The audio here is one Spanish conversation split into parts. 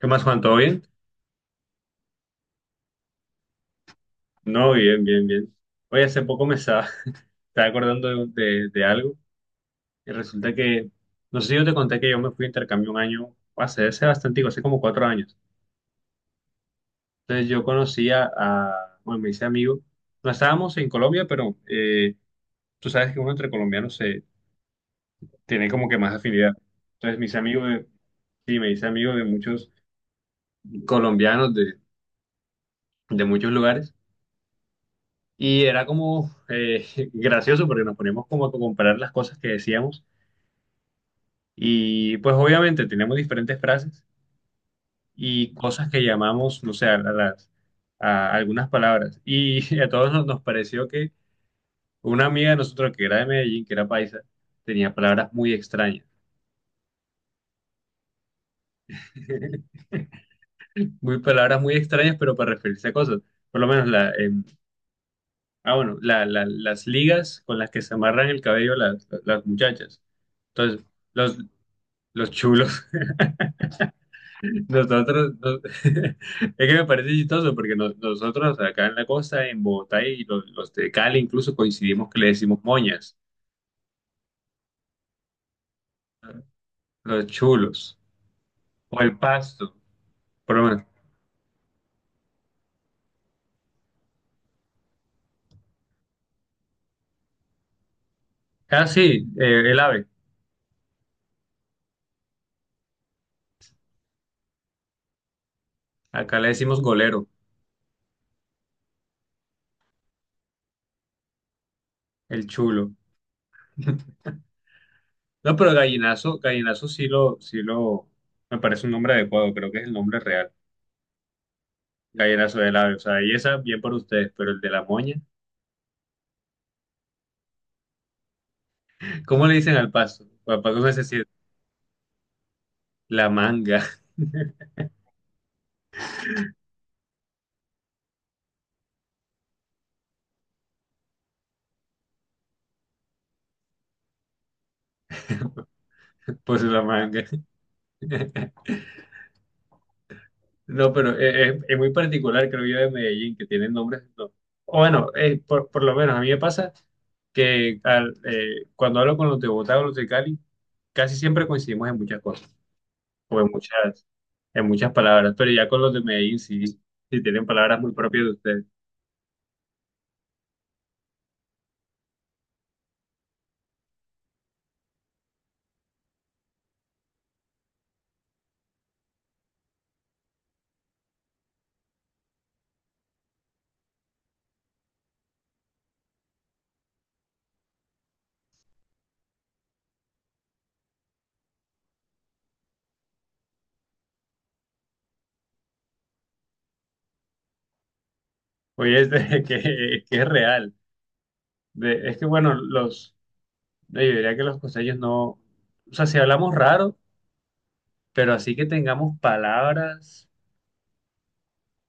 ¿Qué más, Juan? ¿Todo bien? No, bien, bien, bien. Oye, hace poco me estaba, estaba acordando de algo y resulta que, no sé si yo te conté que yo me fui a intercambio un año, hace bastante, hace como cuatro años. Entonces yo conocía a, bueno, me hice amigo. No estábamos en Colombia, pero tú sabes que uno entre colombianos se tiene como que más afinidad. Entonces mis amigos, sí, me hice amigo de muchos colombianos de muchos lugares y era como gracioso porque nos poníamos como a comparar las cosas que decíamos. Y pues obviamente tenemos diferentes frases y cosas que llamamos, no sé, a algunas palabras. Y a todos nos pareció que una amiga de nosotros que era de Medellín, que era paisa, tenía palabras muy extrañas. Muy palabras muy extrañas, pero para referirse a cosas. Por lo menos la, ah, bueno, la- las ligas con las que se amarran el cabello las muchachas. Entonces, los, los chulos. Nosotros, es que me parece chistoso porque nosotros acá en la costa, en Bogotá y los de Cali incluso coincidimos que le decimos moñas, los chulos o el pasto, por lo menos. Ah, sí, el ave. Acá le decimos golero, el chulo. No, pero gallinazo, gallinazo sí lo, me parece un nombre adecuado, creo que es el nombre real. Gallinazo del ave, o sea, y esa bien por ustedes, pero el de la moña, ¿cómo le dicen al pasto? Papá, ¿cómo se dice? La manga, pues la manga. No, pero es muy particular, creo yo, de Medellín, que tienen nombres. No. O bueno, por lo menos a mí me pasa que cuando hablo con los de Bogotá o los de Cali, casi siempre coincidimos en muchas cosas, o en muchas, en muchas palabras, pero ya con los de Medellín sí tienen palabras muy propias de ustedes. Oye, que es real. Es que, bueno, yo diría que los costeños no, o sea, si hablamos raro, pero así que tengamos palabras.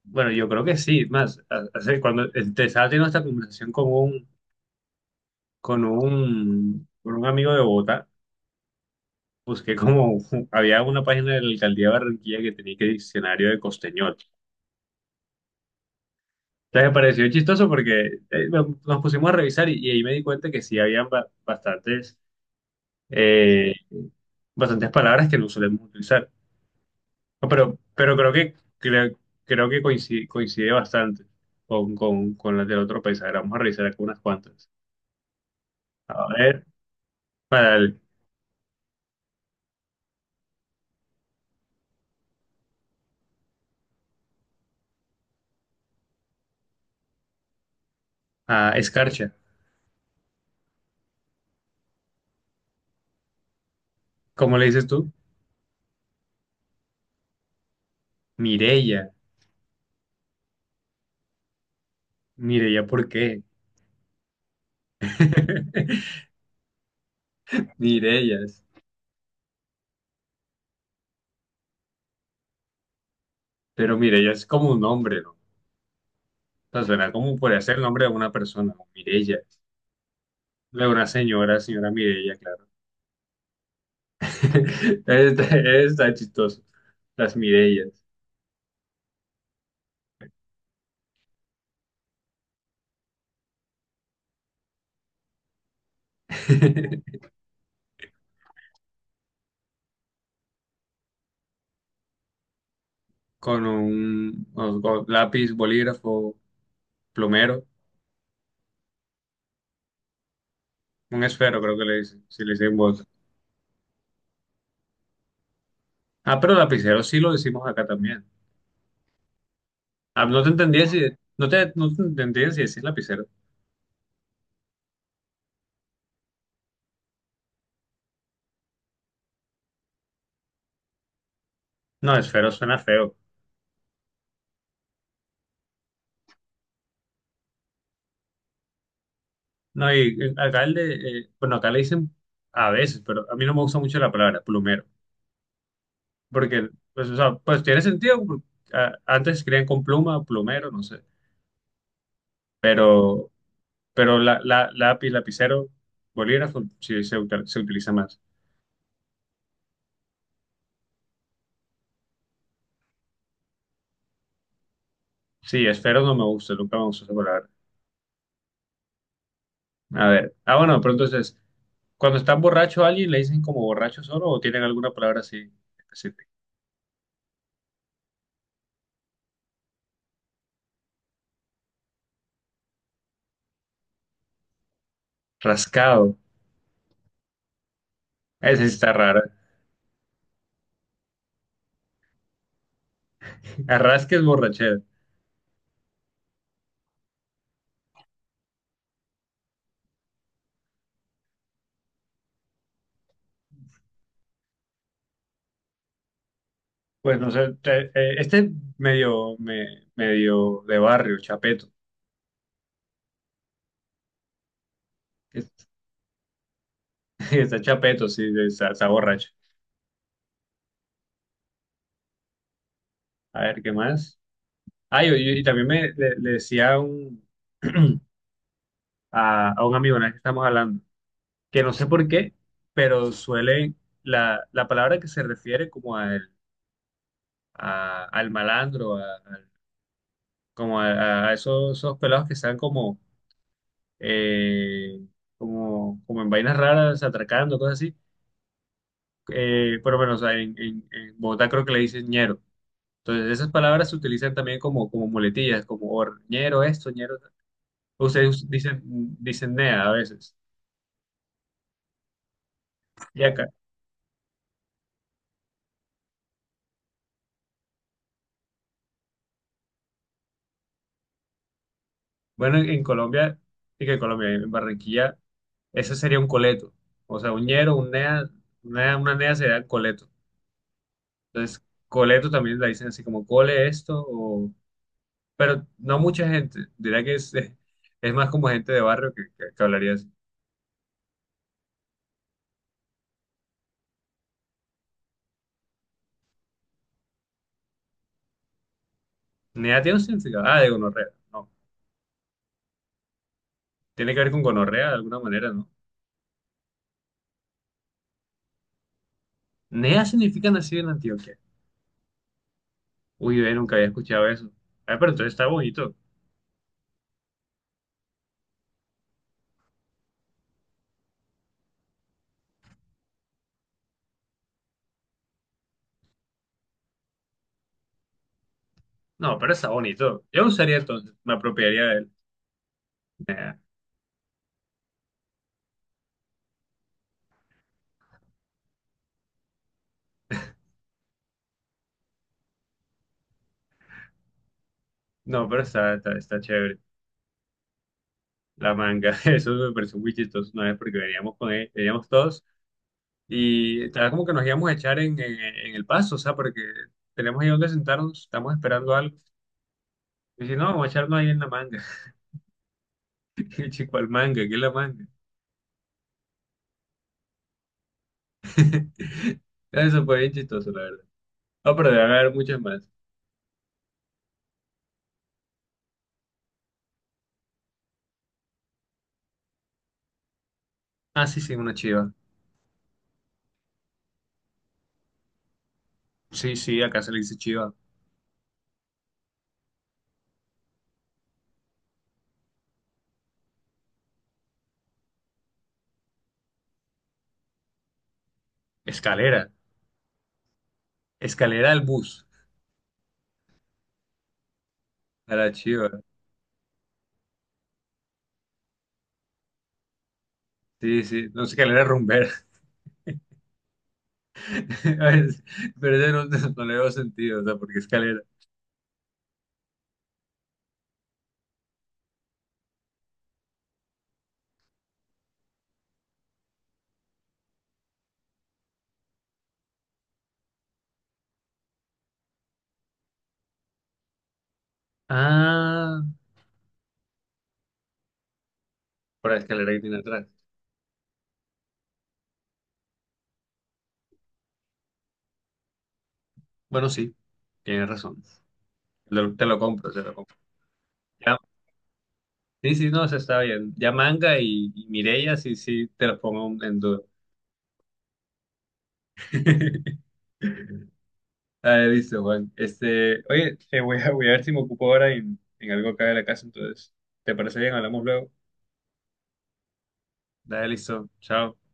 Bueno, yo creo que sí. Más, cuando te estaba teniendo esta conversación con un amigo de Bogotá, busqué como había una página de la alcaldía de Barranquilla que tenía que diccionario de costeñol. Entonces me pareció chistoso porque nos pusimos a revisar y ahí me di cuenta que sí habían bastantes, eh, bastantes palabras que no solemos utilizar. No, pero, creo, creo que coincide, coincide bastante con las del otro país. A ver, vamos a revisar algunas cuantas. A ver. para el- a escarcha. ¿Cómo le dices tú? Mireya. Mireya, ¿por qué? Mireyas. Pero Mireya es como un nombre, ¿no? O sea, suena como podría ser el nombre de una persona, ¿no? Mireya. De una señora, señora Mireya, claro. Está, está chistoso. Las Mireyas. Con un, con lápiz, bolígrafo, plumero, un esfero, creo que le dicen, si le dicen voz. Ah, pero lapicero sí lo decimos acá también. Ah, no te entendía si, no te entendía si decís lapicero. No, esfero suena feo. No, y acá el de, bueno, acá le dicen a veces, pero a mí no me gusta mucho la palabra plumero, porque, pues, o sea, pues tiene sentido, porque, ah, antes escribían con pluma, plumero, no sé, pero, pero lápiz, lapicero, bolígrafo, se utiliza más. Sí, esfero no me gusta, nunca me gustó esa palabra. A ver, ah, bueno, pero entonces, cuando están borracho a alguien, le dicen como borracho solo o tienen alguna palabra así ¿específica? Rascado. Ese sí está raro. Arrasque es borrachera. Pues no sé, medio de barrio, chapeto. Es- Está chapeto, sí, está, está borracho. A ver, ¿qué más? Ah, y también le decía a un, a un amigo, una vez que estamos hablando, que no sé por qué, pero suele, la palabra que se refiere como a- al malandro, como a esos, esos pelados que están como eh, como, como en vainas raras, atracando, cosas así. Pero bueno, o sea, en Bogotá creo que le dicen ñero. Entonces, esas palabras se utilizan también como, como muletillas, ñero esto, ñero. Ta- Ustedes dicen, dicen nea a veces. Y acá, bueno, en Colombia, sí que en Colombia, en Barranquilla, ese sería un coleto. O sea, un ñero, un nea, una nea sería coleto. Entonces, coleto también la dicen así como cole esto pero no mucha gente. Diría que es más como gente de barrio que hablaría así. NEA tiene un significado. Ah, de gonorrea. No. Tiene que ver con gonorrea de alguna manera, ¿no? NEA significa nacido en Antioquia. Uy, ve, nunca había escuchado eso. Ah, pero entonces está bonito. No, pero está bonito. Yo lo usaría entonces, me apropiaría de él. Nah, no, pero está, está, está chévere. La manga, eso me pareció muy chistoso una vez porque veníamos con él, veníamos todos y estaba como que nos íbamos a echar en el paso, o sea, porque tenemos ahí donde sentarnos, estamos esperando algo. Y si no, vamos a echarnos ahí en la manga. Y el chico al manga, ¿qué es la manga? Eso fue bien chistoso, la verdad. Ah, pero debe haber muchas más. Ah, sí, sí, una chiva. Sí, sí, acá se le dice chiva. Escalera. Escalera al bus. A la chiva. Sí, sí. No, escalera rumbera. A ver, pero ese no, no le veo sentido, o sea, porque escalera. Ah, por la escalera que tiene atrás. Bueno, sí, tienes razón. Te lo compro, te lo compro. Ya. Sí, sí, no, se está bien. Ya manga y Mireia, sí, sí, te los pongo en duda. Ah, listo, Juan. Este, oye, voy a ver si me ocupo ahora en algo acá de la casa, entonces, ¿te parece bien? Hablamos luego. Dale, listo. Chao.